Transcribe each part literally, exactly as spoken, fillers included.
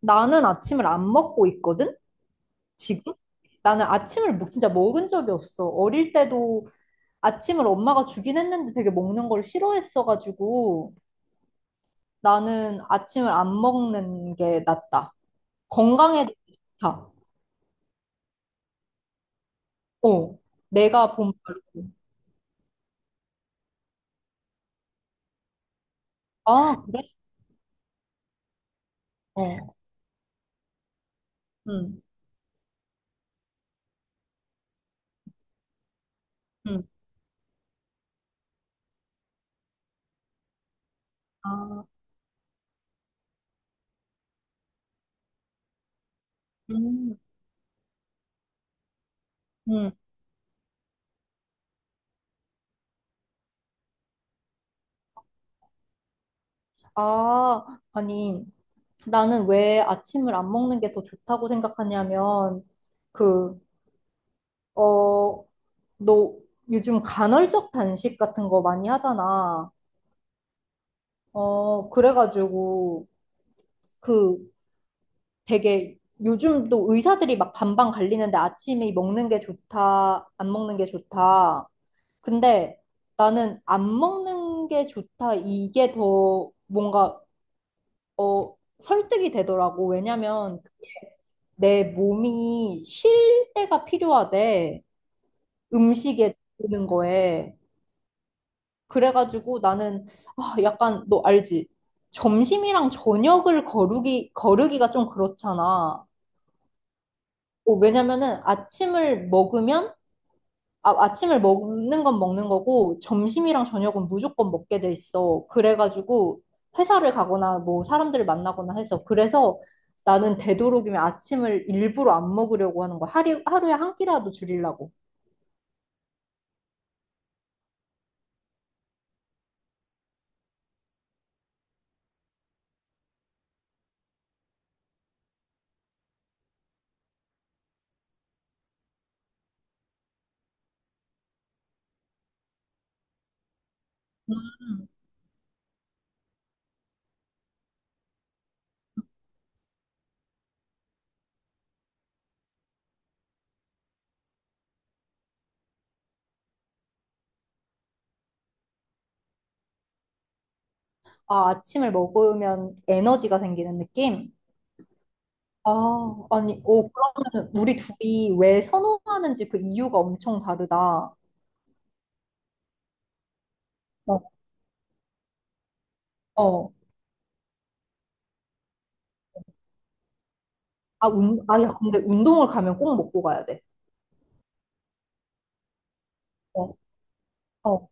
나는 아침을 안 먹고 있거든? 지금? 나는 아침을 먹- 진짜 먹은 적이 없어. 어릴 때도 아침을 엄마가 주긴 했는데 되게 먹는 걸 싫어했어가지고 나는 아침을 안 먹는 게 낫다. 건강에도 좋다. 어. 내가 본 바로. 아, 그래? 어. 응. 응. 아, 음. 음. 아, 아니. 나는 왜 아침을 안 먹는 게 더 좋다고 생각하냐면 그, 어, 너 요즘 간헐적 단식 같은 거 많이 하잖아. 어, 그래가지고 그 되게 요즘 또 의사들이 막 반반 갈리는데 아침에 먹는 게 좋다, 안 먹는 게 좋다. 근데 나는 안 먹는 게 좋다. 이게 더 뭔가 어, 설득이 되더라고. 왜냐면 내 몸이 쉴 때가 필요하대. 음식에 드는 거에. 그래가지고 나는, 아, 약간 너 알지? 점심이랑 저녁을 거르기 거르기가 좀 그렇잖아. 어, 왜냐면은 아침을 먹으면, 아, 아침을 먹는 건 먹는 거고 점심이랑 저녁은 무조건 먹게 돼 있어. 그래가지고 회사를 가거나 뭐 사람들을 만나거나 해서 그래서 나는 되도록이면 아침을 일부러 안 먹으려고 하는 거야. 하루, 하루에 한 끼라도 줄이려고. 아, 아침을 먹으면 에너지가 생기는 느낌? 아, 아니, 오, 그러면은 우리 둘이 왜 선호하는지 그 이유가 엄청 다르다. 어, 어. 아, 운, 아, 야, 근데 운동을 가면 꼭 먹고 가야 돼. 어, 어.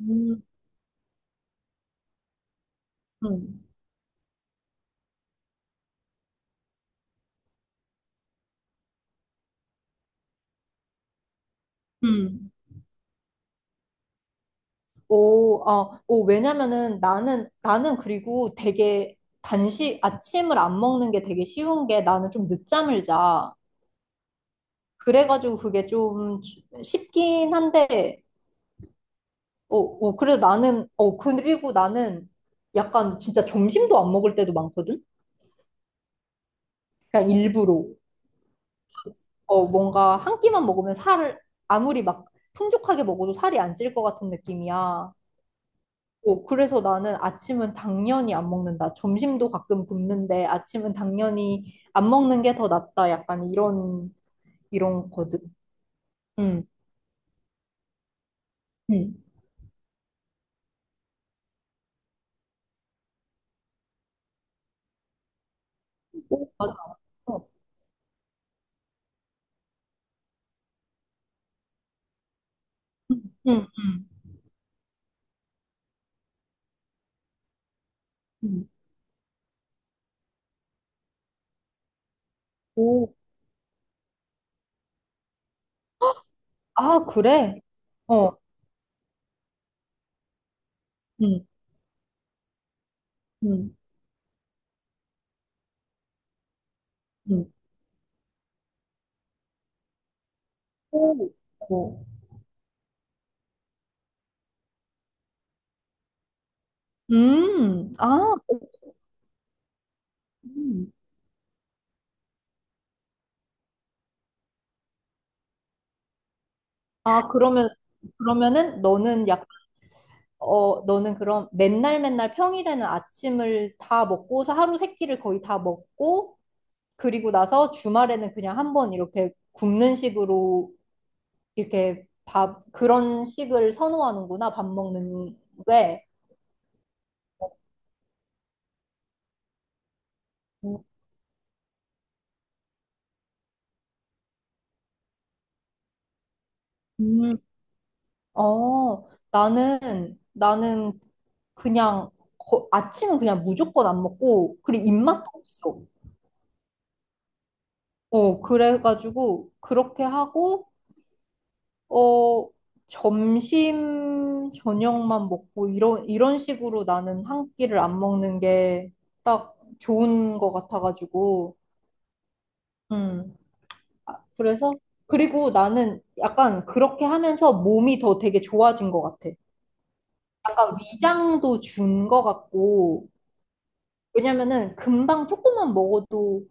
음, 음, 음. 오, 아, 오, 왜냐면은 나는, 나는 그리고 되게 간식, 아침을 안 먹는 게 되게 쉬운 게 나는 좀 늦잠을 자. 그래가지고 그게 좀 쉬- 쉽긴 한데, 어, 어, 그래 나는, 어, 그리고 나는 약간 진짜 점심도 안 먹을 때도 많거든? 그냥 일부러 어, 뭔가 한 끼만 먹으면 살을 아무리 막 풍족하게 먹어도 살이 안 찔 것 같은 느낌이야. 어, 그래서 나는 아침은 당연히 안 먹는다. 점심도 가끔 굶는데 아침은 당연히 안 먹는 게 더 낫다. 약간 이런 이런 거든. 응, 응. 오, 맞아. 어, 응, 응, 응. 응. 오, 아, 그래? 어, 응, 응, 응. 오, 오. 음, 아, 그 아, 그러면, 그러면은 너는 약, 어, 너는 그럼 맨날 맨날 평일에는 아침을 다 먹고서 하루 세 끼를 거의 다 먹고, 그리고 나서 주말에는 그냥 한번 이렇게 굶는 식으로 이렇게 밥, 그런 식을 선호하는구나, 밥 먹는 게. 음, 어, 나는, 나는 그냥 거- 아침은 그냥 무조건 안 먹고, 그리고 입맛도 없어. 어, 그래가지고 그렇게 하고, 어, 점심, 저녁만 먹고, 이런, 이런 식으로 나는 한 끼를 안 먹는 게 딱 좋은 것 같아가지고, 음. 아, 그래서, 그리고 나는 약간 그렇게 하면서 몸이 더 되게 좋아진 것 같아. 약간 위장도 준 것 같고, 왜냐면은 금방 조금만 먹어도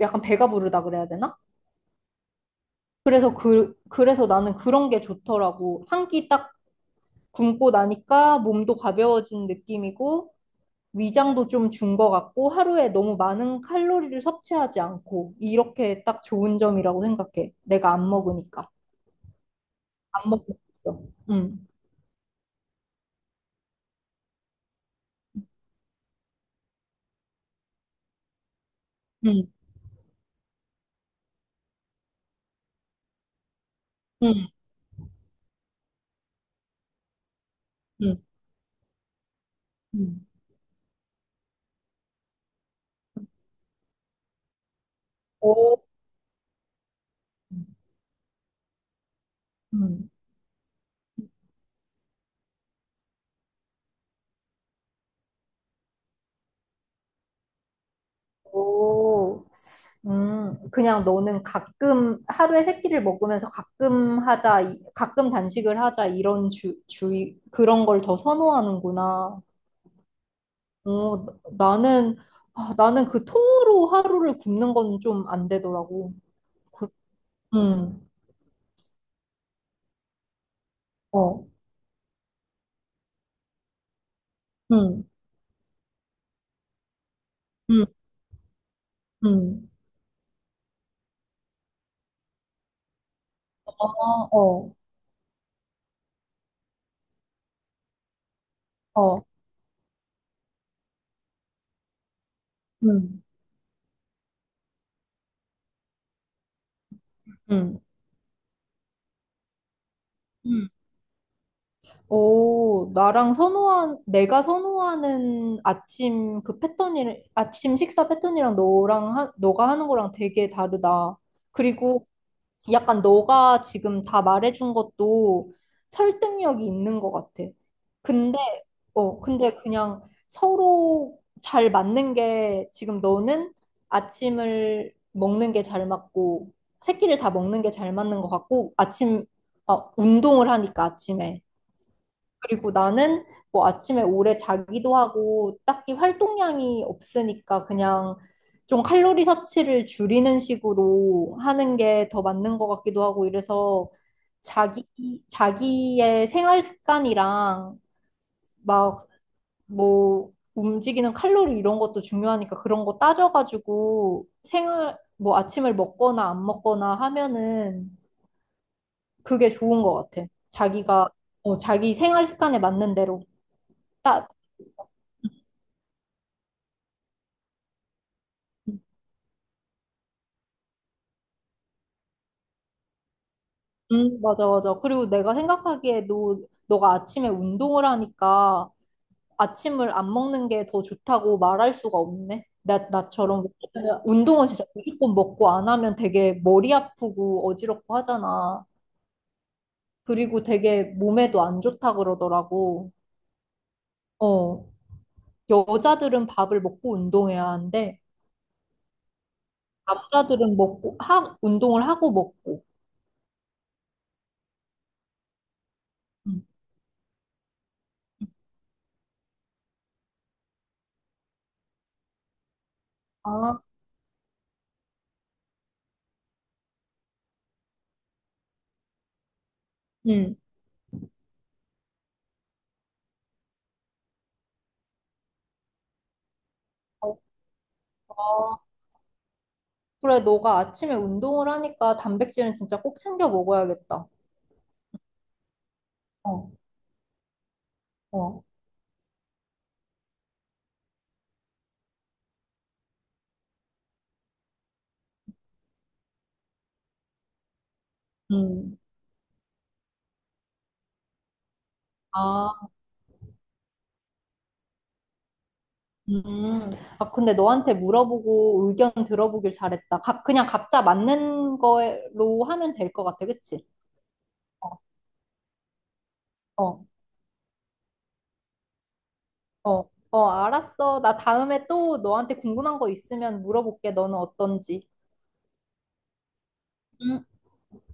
약간 배가 부르다 그래야 되나? 그래서 그, 그래서 나는 그런 게 좋더라고. 한 끼 딱 굶고 나니까 몸도 가벼워진 느낌이고, 위장도 좀 준 것 같고 하루에 너무 많은 칼로리를 섭취하지 않고 이렇게 딱 좋은 점이라고 생각해. 내가 안 먹으니까. 안 먹고 있어. 응, 응, 응, 응, 응. 오, 응. 오. 음, 그냥 너는 가끔 하루에 세 끼를 먹으면서 가끔 하자, 이- 가끔 단식을 하자 이런 주, 주의 그런 걸 더 선호하는구나. 어, 나- 나는, 아, 나는 그 통으로 하루를 굶는 건 좀 안 되더라고. 그- 음, 어, 음, 음, 음, 어, 어, 어, 음, 음. 음. 오, 나랑 선호한, 내가 선호하는 아침 그 패턴이, 아침 식사 패턴이랑 너랑, 하, 너가 하는 거랑 되게 다르다. 그리고 약간 너가 지금 다 말해준 것도 설득력이 있는 것 같아. 근데, 어, 근데 그냥 서로 잘 맞는 게 지금 너는 아침을 먹는 게 잘 맞고, 새끼를 다 먹는 게 잘 맞는 것 같고, 아침, 어, 운동을 하니까 아침에. 그리고 나는 뭐 아침에 오래 자기도 하고 딱히 활동량이 없으니까 그냥 좀 칼로리 섭취를 줄이는 식으로 하는 게 더 맞는 것 같기도 하고 이래서 자기, 자기의 생활 습관이랑 막 뭐 움직이는 칼로리 이런 것도 중요하니까 그런 거 따져가지고 생활, 뭐 아침을 먹거나 안 먹거나 하면은 그게 좋은 것 같아. 자기가, 어, 자기 생활 습관에 맞는 대로. 따, 음, 맞아, 맞아. 그리고 내가 생각하기에 너, 너가 아침에 운동을 하니까 아침을 안 먹는 게 더 좋다고 말할 수가 없네. 나, 나처럼. 왜냐면 운동은 진짜 무조건 먹고 안 하면 되게 머리 아프고 어지럽고 하잖아. 그리고 되게 몸에도 안 좋다 그러더라고. 어, 여자들은 밥을 먹고 운동해야 하는데, 남자들은 먹고, 하, 운동을 하고 먹고. 음. 아, 음. 어, 그래, 너가 아침에 운동을 하니까 단백질은 진짜 꼭 챙겨 먹어야겠다. 어, 어. 음. 아, 음. 아, 근데 너한테 물어보고 의견 들어보길 잘했다. 각, 그냥 각자 맞는 거로 하면 될 것 같아. 그치? 어, 어, 어, 어, 알았어. 나 다음에 또 너한테 궁금한 거 있으면 물어볼게. 너는 어떤지. 음.